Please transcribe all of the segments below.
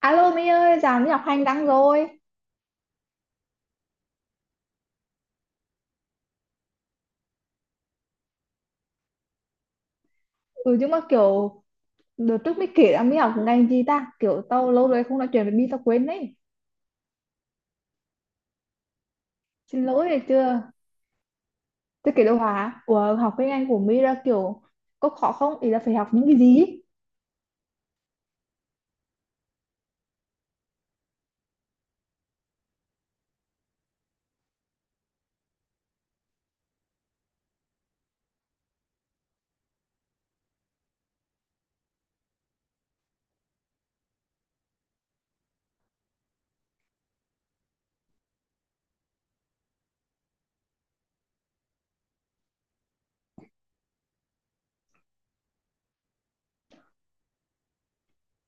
Alo Mỹ ơi, dạo Mỹ học hành đăng rồi. Ừ nhưng mà kiểu đợt trước mới kể là Mỹ học ngành gì ta? Kiểu tao lâu rồi không nói chuyện với Mỹ tao quên đấy. Xin lỗi này chưa? Tôi kể đồ hả? Ủa học cái ngành của Mỹ ra kiểu có khó không? Ý là phải học những cái gì?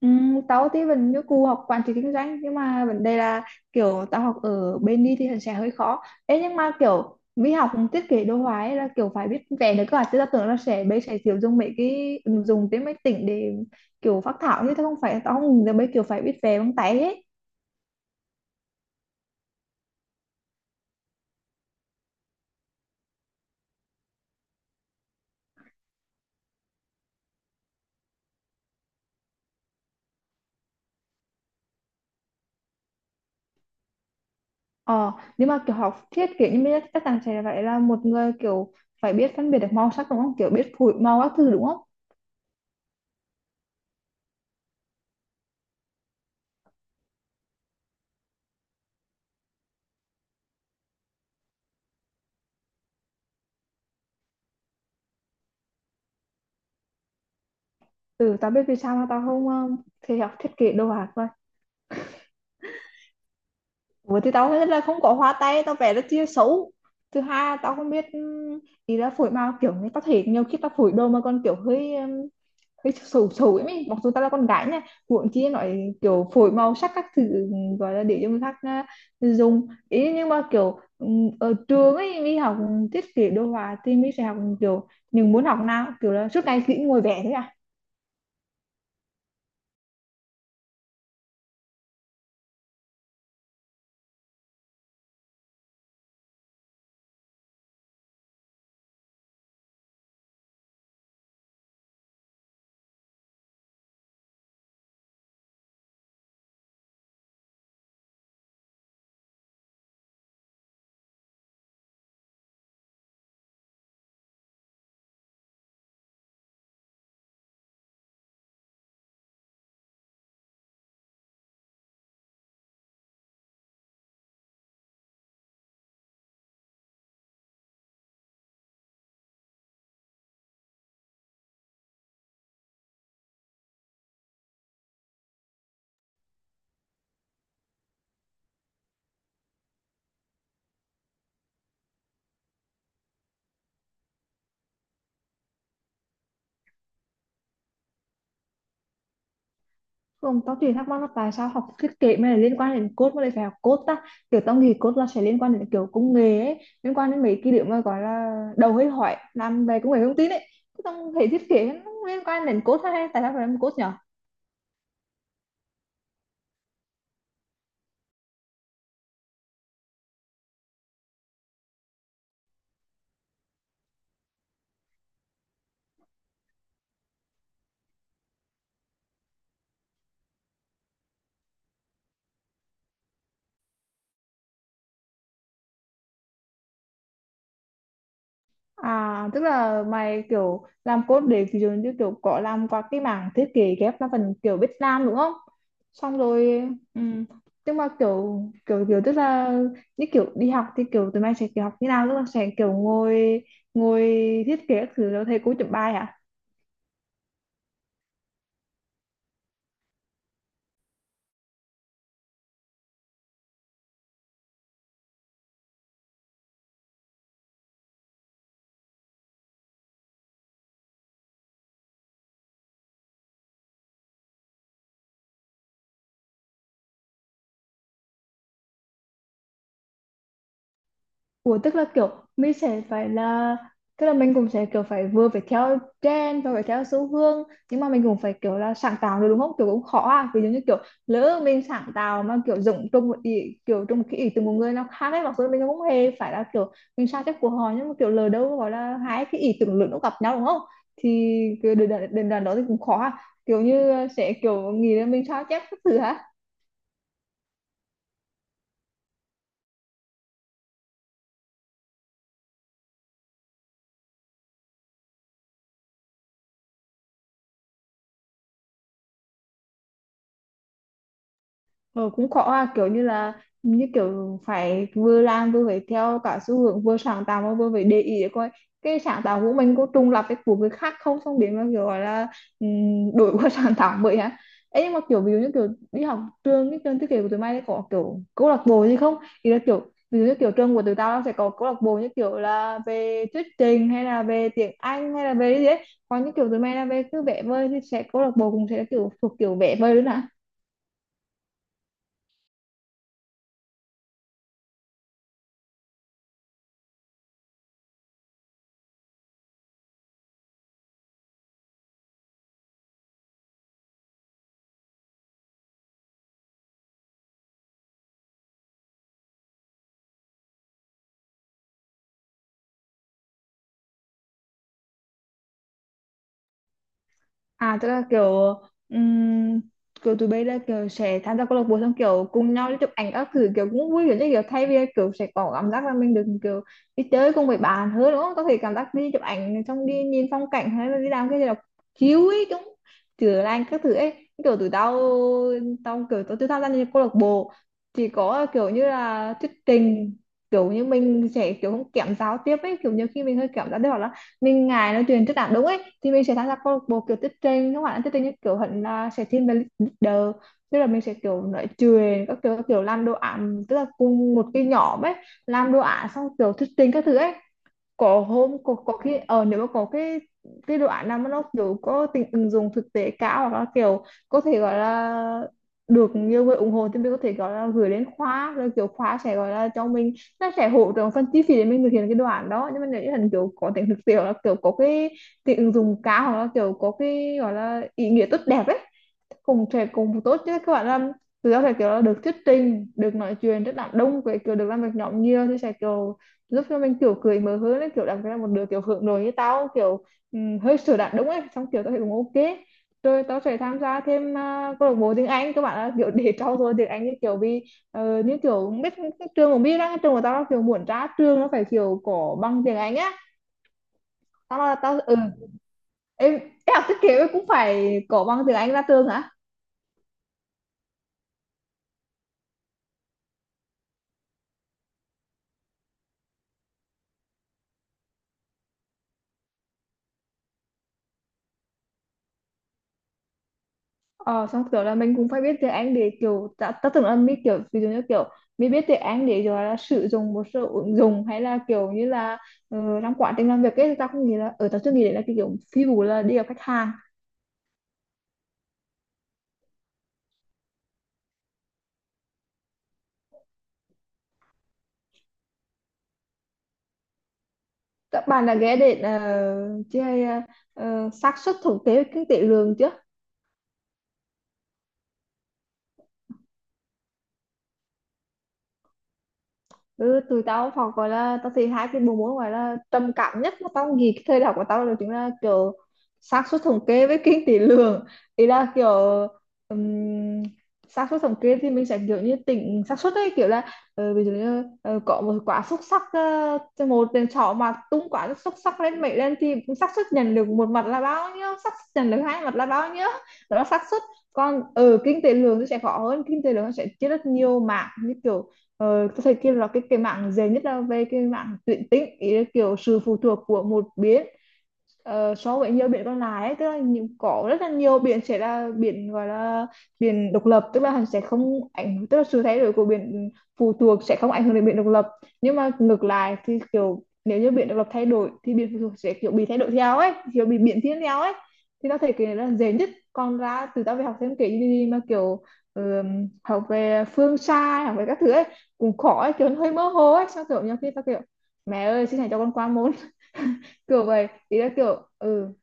Ừ, tao thì vẫn như cụ học quản trị kinh doanh nhưng mà vấn đề là kiểu tao học ở bên đi thì sẽ hơi khó. Ê, nhưng mà kiểu mỹ học thiết kế đồ họa ấy là kiểu phải biết vẽ nữa cơ à, chứ tao tưởng là sẽ bây sẽ kiểu dùng mấy cái ứng dụng trên máy tính để kiểu phác thảo như thế, không phải tao không giờ bây kiểu phải biết vẽ bằng tay hết. Ờ nhưng mà kiểu học thiết kế như thế chắc chắn sẽ phải là một người kiểu phải biết phân biệt được màu sắc đúng không, kiểu biết phối màu các thứ đúng không. Ừ tao biết vì sao mà tao không thì học thiết kế đồ họa. Ủa thì tao nghĩ là không có hoa tay tao vẽ rất chia xấu. Thứ hai là tao không biết, ý là phổi màu, kiểu như tao thấy nhiều khi tao phổi đồ mà còn kiểu hơi hơi xấu xấu ấy, mình mặc dù tao là con gái nha, huống chi nói kiểu phổi màu sắc các thứ, gọi là để cho người khác à, dùng ý. Nhưng mà kiểu ở trường ấy mình học thiết kế đồ họa thì mình sẽ học kiểu mình muốn học nào, kiểu là suốt ngày chỉ ngồi vẽ thôi à? Không, tao chỉ thắc mắc là tại sao học thiết kế mới là liên quan đến code mà lại phải học code ta, kiểu tao nghĩ code là sẽ liên quan đến kiểu công nghệ ấy, liên quan đến mấy cái điều mà gọi là đầu hơi hỏi làm về công nghệ thông tin ấy. Thế tao thấy thiết kế nó liên quan đến code hay tại sao phải làm code nhở. À, tức là mày kiểu làm code để ví dụ như kiểu có làm qua cái mảng thiết kế ghép là phần kiểu biết làm đúng không? Xong rồi ừm, nhưng mà kiểu kiểu kiểu tức là như kiểu đi học thì kiểu tụi mày sẽ kiểu học như nào, tức là sẽ kiểu ngồi ngồi thiết kế các thứ rồi thầy cô chấm bài hả? Ủa tức là kiểu mình sẽ phải là, tức là mình cũng sẽ kiểu phải vừa theo trend và phải theo xu hướng, nhưng mà mình cũng phải kiểu là sáng tạo được đúng không, kiểu cũng khó à, ví dụ như kiểu lỡ mình sáng tạo mà kiểu dùng trong một ý, kiểu trong một cái ý từ một người nào khác ấy, mặc dù mình cũng không hề phải là kiểu mình sao chép của họ, nhưng mà kiểu lỡ đâu gọi là hai cái ý tưởng lớn nó gặp nhau đúng không, thì cái đền đoạn đến đó thì cũng khó à, kiểu như sẽ kiểu nghĩ là mình sao chép các thứ hả. Ờ, cũng khó à, kiểu như là như kiểu phải vừa làm vừa phải theo cả xu hướng, vừa sáng tạo mà vừa phải để ý để coi cái sáng tạo của mình có trùng lặp với của người khác không, xong biến mà kiểu gọi là đổi qua sáng tạo vậy á ấy. Nhưng mà kiểu ví dụ như kiểu đi học trường, cái trường thiết kế của tụi mày có kiểu câu lạc bộ gì không, thì là kiểu ví dụ như kiểu trường của tụi tao nó sẽ có câu lạc bộ như kiểu là về thuyết trình hay là về tiếng Anh hay là về cái gì đấy, còn như kiểu tụi mày là về cứ vẽ vời thì sẽ câu lạc bộ cũng sẽ kiểu thuộc kiểu vẽ vời luôn ạ. À tức là kiểu ừm, kiểu tụi bay là kiểu sẽ tham gia câu lạc bộ xong kiểu cùng nhau đi chụp ảnh các thứ kiểu cũng vui, kiểu như kiểu thay vì kiểu sẽ có cảm giác là mình được kiểu đi chơi cùng với bạn hơn đúng không? Có thể cảm giác đi chụp ảnh xong đi nhìn phong cảnh hay là đi làm cái gì đó chiếu ấy cũng chữa lành các thứ ấy. Kiểu tụi tao, tao kiểu tụi tao tham gia những câu lạc bộ thì có kiểu như là thuyết trình, kiểu như mình sẽ kiểu không kém giao tiếp ấy, kiểu nhiều khi mình hơi kém giao tiếp hoặc là mình ngại nói chuyện trước đảng đúng ấy, thì mình sẽ tham gia câu lạc bộ kiểu thuyết trình, các bạn thuyết trình như kiểu hẳn là sẽ thiên về leader, tức là mình sẽ kiểu nói chuyện các kiểu, các kiểu làm đồ án, tức là cùng một cái nhóm ấy làm đồ án xong kiểu thuyết trình các thứ ấy. Có hôm có khi ờ nếu mà có cái đoạn nào mà nó kiểu có tính ứng dụng thực tế cao hoặc là kiểu có thể gọi là được nhiều người ủng hộ thì mình có thể gọi là gửi đến khóa rồi kiểu khóa sẽ gọi là cho mình, nó sẽ hỗ trợ phần chi phí để mình thực hiện cái đoạn đó. Nhưng mà nếu như thành kiểu có tính thực tế hoặc là kiểu có cái tính ứng dụng cao hoặc là kiểu có cái gọi là ý nghĩa tốt đẹp ấy, cùng sẽ cùng tốt chứ các bạn làm, từ đó sẽ kiểu là được thuyết trình, được nói chuyện rất là đông, với kiểu được làm việc nhóm nhiều thì sẽ kiểu giúp cho mình kiểu cười mở hơn ấy, kiểu đặc biệt là một đứa kiểu hướng nội như tao, kiểu hơi sửa đạt đúng ấy, xong kiểu tao thấy cũng ok rồi tao sẽ tham gia thêm à, câu lạc bộ tiếng Anh các bạn ạ, kiểu để trau dồi tiếng Anh, như kiểu vì như kiểu biết trường cũng biết đó, trường của tao là kiểu muốn ra trường nó phải kiểu có bằng tiếng Anh á. Tao là tao ừ em, em học thiết kế cũng phải có bằng tiếng Anh ra trường hả? Ờ, xong kiểu là mình cũng phải biết tiếng Anh để kiểu ta, ta tưởng là mình kiểu ví dụ như kiểu mình biết tiếng Anh để rồi là sử dụng một số ứng dụng hay là kiểu như là trong quá trình làm việc ấy, thì ta không nghĩ là ở ta chưa nghĩ đến là cái kiểu phi vụ là đi gặp khách hàng. Các bạn đã ghé đến chơi xác suất thống kê kinh tế lương chưa? Ừ, tụi tao học gọi là, tao thì hai cái bộ môn gọi là trầm cảm nhất mà tao nghĩ cái thời đại của tao là chính là kiểu xác suất thống kê với kinh tế lượng, ý là kiểu um, xác suất thống kê thì mình sẽ kiểu như tính xác suất ấy, kiểu là ví dụ như có một quả xúc xắc, cho một tên trỏ mà tung quả xúc xắc lên mệnh lên thì xác suất nhận được một mặt là bao nhiêu, xác suất nhận được hai mặt là bao nhiêu, đó là xác suất. Còn ở kinh tế lượng thì sẽ khó hơn, kinh tế lượng nó sẽ chia rất nhiều mảng như kiểu tôi thấy kia là cái mạng dễ nhất là về cái mạng tuyển tính, ý là kiểu sự phụ thuộc của một bên so với nhiều biển còn lại ấy, tức là những có rất là nhiều biển sẽ là biển gọi là biển độc lập, tức là hắn sẽ không ảnh, tức là sự thay đổi của biển phụ thuộc sẽ không ảnh hưởng đến biển độc lập, nhưng mà ngược lại thì kiểu nếu như biển độc lập thay đổi thì biển phụ thuộc sẽ kiểu bị thay đổi theo ấy, kiểu bị biến thiên theo ấy, thì nó thể kể là dễ nhất. Còn ra từ tao về học thêm kể gì gì mà kiểu học về phương xa, học về các thứ ấy cũng khó ấy, kiểu nó hơi mơ hồ ấy sao, kiểu nhiều khi tao kiểu mẹ ơi xin hãy cho con qua môn kiểu vậy, ý là kiểu ừ.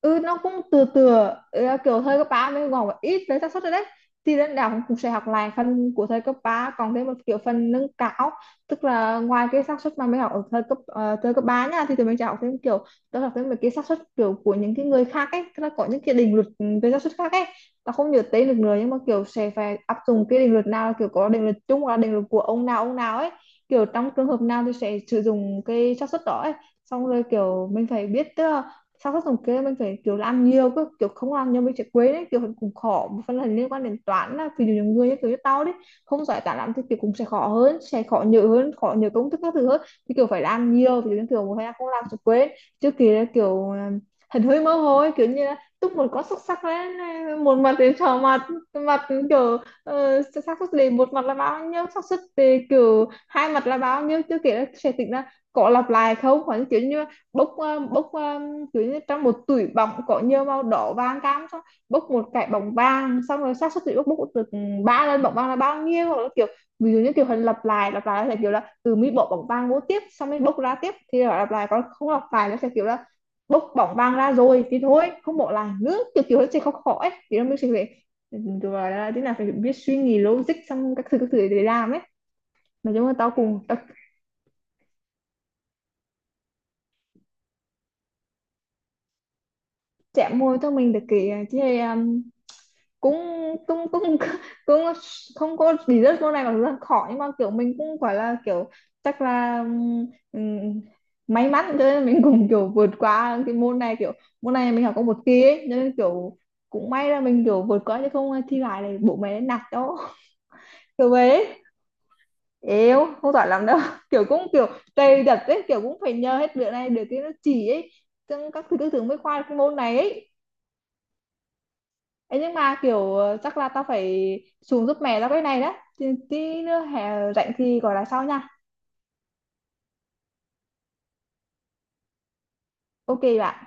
Ừ nó cũng từ từ. Ừ, kiểu thời cấp 3 mới còn một ít về xác suất rồi đấy, thì đến đại học cũng sẽ học lại phần của thời cấp 3 còn thêm một kiểu phần nâng cao, tức là ngoài cái xác suất mà mình học ở thời cấp thời cấp 3 nha thì tụi mình sẽ học thêm kiểu đó, học thêm mấy cái xác suất kiểu của những cái người khác ấy, tức là có những cái định luật về xác suất khác ấy. Ta không nhớ tên được nữa nhưng mà kiểu sẽ phải áp dụng cái định luật nào, là kiểu có định luật chung hoặc là định luật của ông nào ấy, kiểu trong trường hợp nào thì sẽ sử dụng cái xác suất đó ấy. Xong rồi kiểu mình phải biết, tức là sao các tổng kê mình phải kiểu là ăn nhiều cơ, kiểu không ăn nhiều mình sẽ quên đấy, kiểu cũng khó một phần là liên quan đến toán, là vì nhiều người như kiểu như tao đấy không giỏi toán lắm thì kiểu cũng sẽ khó hơn, sẽ khó nhớ hơn, khó nhớ công thức các thứ hơn, thì kiểu phải làm nhiều thì dụ như kiểu một thời gian không làm sẽ quên. Trước kia là kiểu hình hơi mơ hồ ấy, kiểu như là túc một con xúc sắc lên một mặt đến trò mặt mặt kiểu xác suất đề một mặt là bao nhiêu, xác suất đề kiểu hai mặt là bao nhiêu, chưa kể là sẽ tính là có lặp lại không, hoặc là kiểu như bốc kiểu như trong một túi bóng có nhiều màu đỏ vàng cam xong bốc một cái bóng vàng xong rồi xác suất bị bốc bốc từ ba lên bóng vàng là bao nhiêu, hoặc là kiểu ví dụ như kiểu hình lặp lại là kiểu là từ mi bỏ bóng vàng vô tiếp xong mới bốc ra tiếp thì là lặp lại, còn không lặp lại nó sẽ kiểu là bốc bóng vàng ra rồi thì thôi không bỏ lại nữa, kiểu kiểu nó sẽ khó khó ấy thì nó mới sẽ phải, rồi là thế nào phải biết suy nghĩ logic xong các thứ để làm ấy. Mà chung tao cùng tao chạm môi cho mình được cái cũng cũng cũng cũng không có lý rất câu này, mà dù rất khó nhưng mà kiểu mình cũng gọi là kiểu chắc là ừm, may mắn, cho nên mình cũng kiểu vượt qua cái môn này, kiểu môn này mình học có một kỳ ấy, cho nên kiểu cũng may là mình kiểu vượt qua, chứ không thi lại này bố mẹ nạt cho. Kiểu về yếu không giỏi lắm đâu kiểu cũng kiểu cày đặt ấy, kiểu cũng phải nhờ hết việc này được cái nó chỉ ấy, trong các thứ tư tưởng mới khoa được cái môn này ấy. Ấy nhưng mà kiểu chắc là tao phải xuống giúp mẹ tao cái này đó. Tí tí nữa hè rảnh thì gọi là sau nha. Ok bạn.